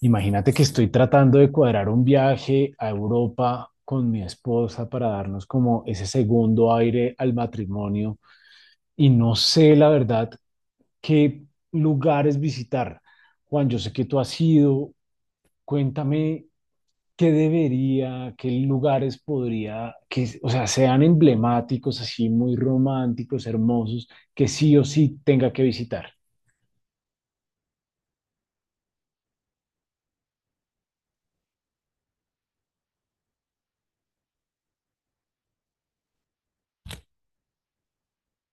Imagínate que estoy tratando de cuadrar un viaje a Europa con mi esposa para darnos como ese segundo aire al matrimonio y no sé la verdad qué lugares visitar. Juan, yo sé que tú has ido, cuéntame qué debería, qué lugares podría, que, o sea, sean emblemáticos, así muy románticos, hermosos, que sí o sí tenga que visitar.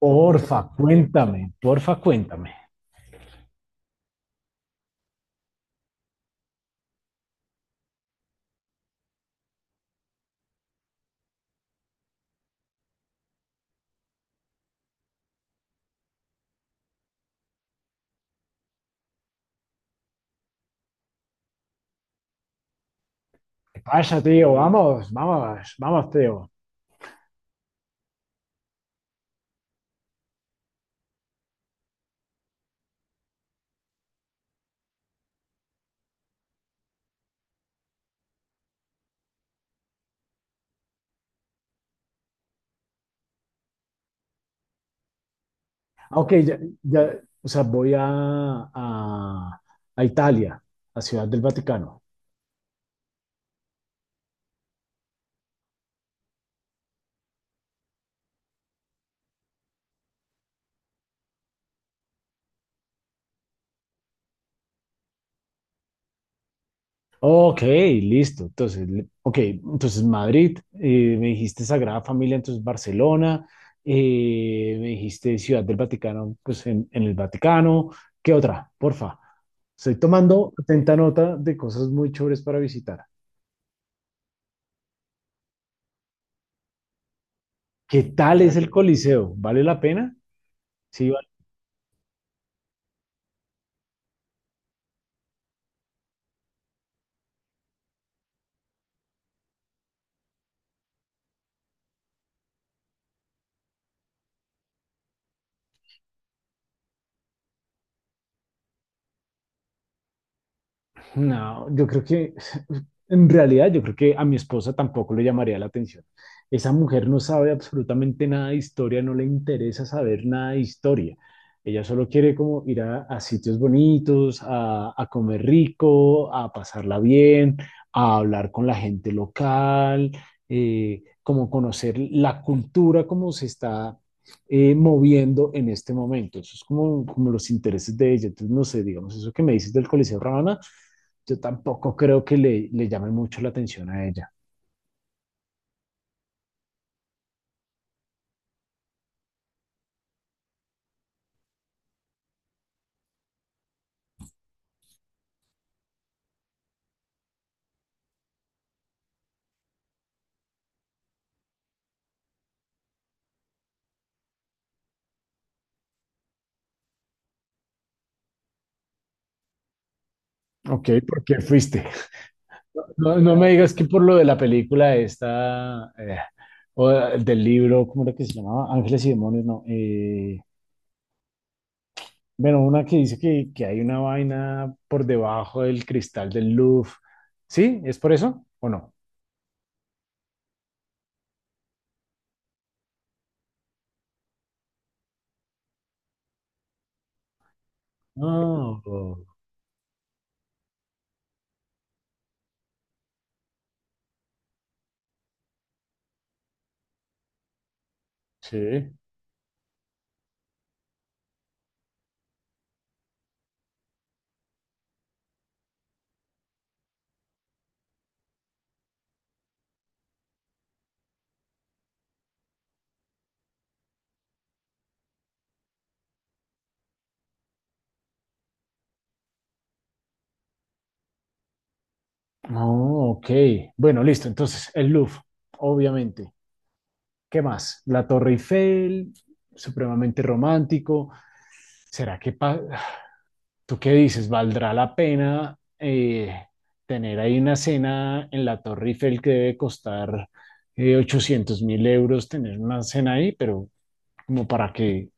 Porfa, cuéntame, porfa, cuéntame. Vaya tío, vamos, vamos, vamos, tío. Aunque ya, ya, o sea, voy a Italia, a Ciudad del Vaticano. Ok, listo. Entonces, ok, entonces Madrid, me dijiste Sagrada Familia, entonces Barcelona, me dijiste Ciudad del Vaticano, pues en el Vaticano. ¿Qué otra? Porfa. Estoy tomando atenta nota de cosas muy chéveres para visitar. ¿Qué tal es el Coliseo? ¿Vale la pena? Sí, vale. No, yo creo que en realidad yo creo que a mi esposa tampoco le llamaría la atención. Esa mujer no sabe absolutamente nada de historia, no le interesa saber nada de historia. Ella solo quiere como ir a sitios bonitos, a comer rico, a pasarla bien, a hablar con la gente local, como conocer la cultura como se está moviendo en este momento. Eso es como los intereses de ella. Entonces, no sé, digamos, eso que me dices del Coliseo Ramana yo tampoco creo que le llame mucho la atención a ella. Ok, ¿por qué fuiste? No, no me digas que por lo de la película esta, o del libro, ¿cómo era que se llamaba? Ángeles y Demonios, no. Bueno, una que dice que hay una vaina por debajo del cristal del Louvre. ¿Sí? ¿Es por eso o no? Oh, sí. Oh, ok. Bueno, listo. Entonces, el Louvre, obviamente. ¿Qué más? La Torre Eiffel, supremamente romántico. ¿Será que tú qué dices? ¿Valdrá la pena tener ahí una cena en la Torre Eiffel que debe costar 800 mil euros tener una cena ahí, pero como para que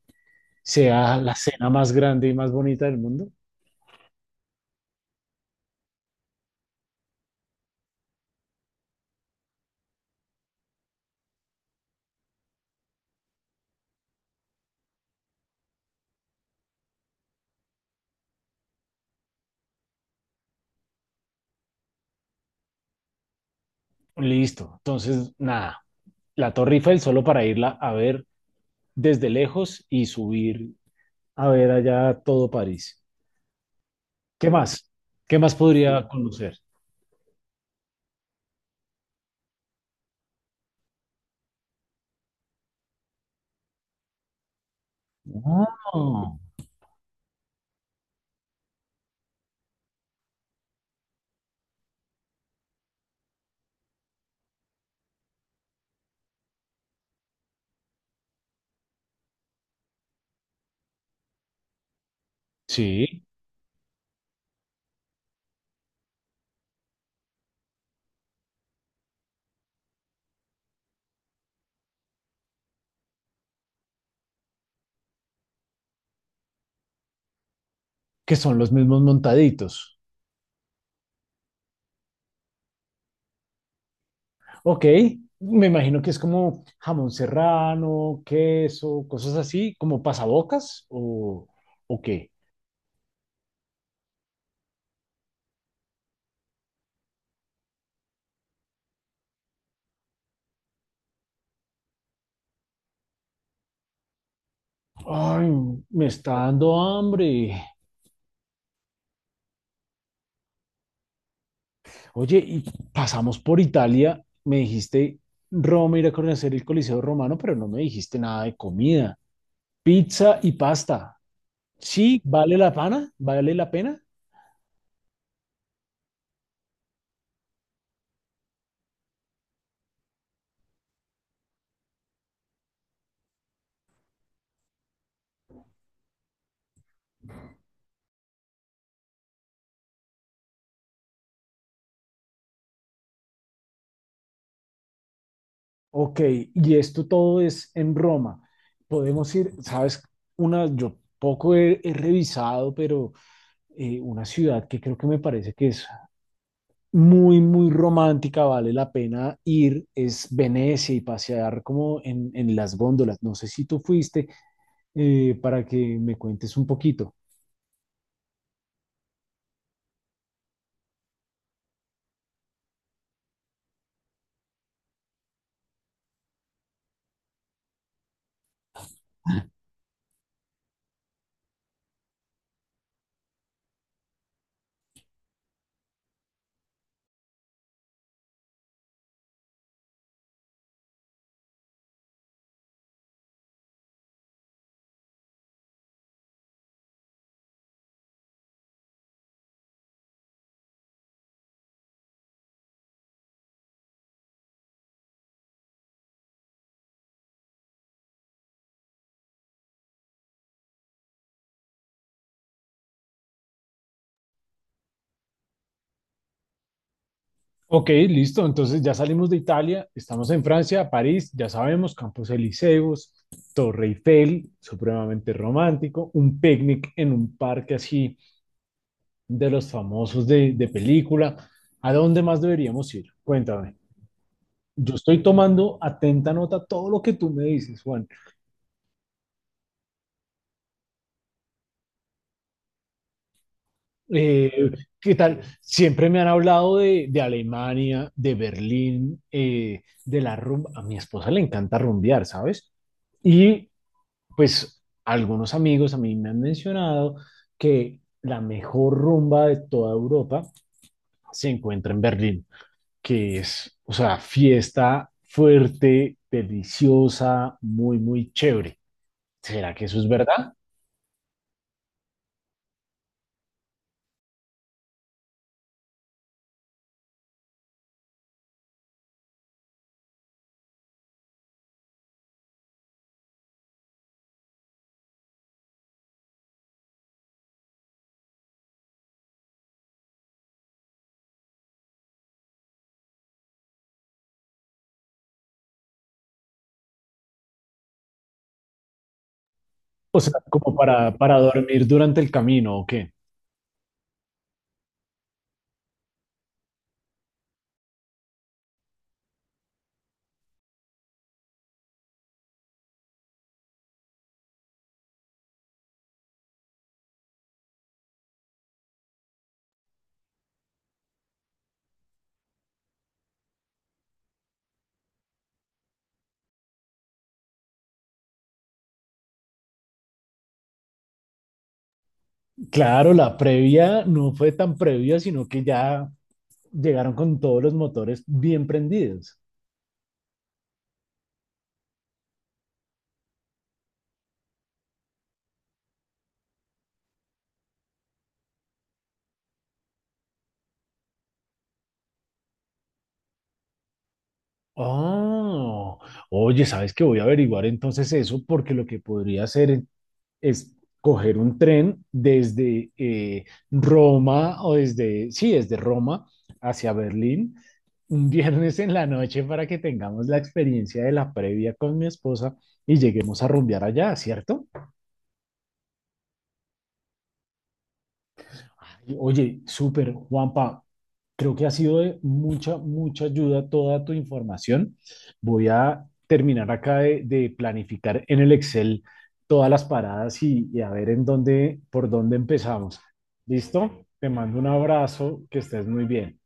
sea la cena más grande y más bonita del mundo? Listo. Entonces, nada, la Torre Eiffel solo para irla a ver desde lejos y subir a ver allá todo París. ¿Qué más? ¿Qué más podría conocer? Ah, sí, que son los mismos montaditos. Ok, me imagino que es como jamón serrano, queso, cosas así, como pasabocas o, qué. Ay, me está dando hambre. Oye, y pasamos por Italia, me dijiste Roma, ir a conocer el Coliseo Romano, pero no me dijiste nada de comida. Pizza y pasta. Sí, vale la pena, vale la pena. Ok, y esto todo es en Roma. Podemos ir, sabes, una, yo poco he revisado, pero una ciudad que creo que me parece que es muy, muy romántica, vale la pena ir, es Venecia y pasear como en las góndolas. No sé si tú fuiste para que me cuentes un poquito. Ok, listo. Entonces ya salimos de Italia, estamos en Francia, París, ya sabemos, Campos Elíseos, Torre Eiffel, supremamente romántico, un picnic en un parque así de los famosos de película. ¿A dónde más deberíamos ir? Cuéntame. Yo estoy tomando atenta nota todo lo que tú me dices, Juan. Eh, ¿Qué tal? Siempre me han hablado de Alemania, de Berlín, de la rumba. A mi esposa le encanta rumbear, ¿sabes? Y pues algunos amigos a mí me han mencionado que la mejor rumba de toda Europa se encuentra en Berlín, que es, o sea, fiesta fuerte, deliciosa, muy, muy chévere. ¿Será que eso es verdad? O sea, como para dormir durante el camino, ¿o qué? Claro, la previa no fue tan previa, sino que ya llegaron con todos los motores bien prendidos. Oh, oye, ¿sabes qué? Voy a averiguar entonces eso, porque lo que podría hacer es coger un tren desde Roma o desde, sí, desde Roma hacia Berlín un viernes en la noche para que tengamos la experiencia de la previa con mi esposa y lleguemos a rumbear allá, ¿cierto? Y, oye, súper, Juanpa. Creo que ha sido de mucha, mucha ayuda toda tu información. Voy a terminar acá de planificar en el Excel todas las paradas y a ver en dónde, por dónde empezamos. ¿Listo? Te mando un abrazo, que estés muy bien.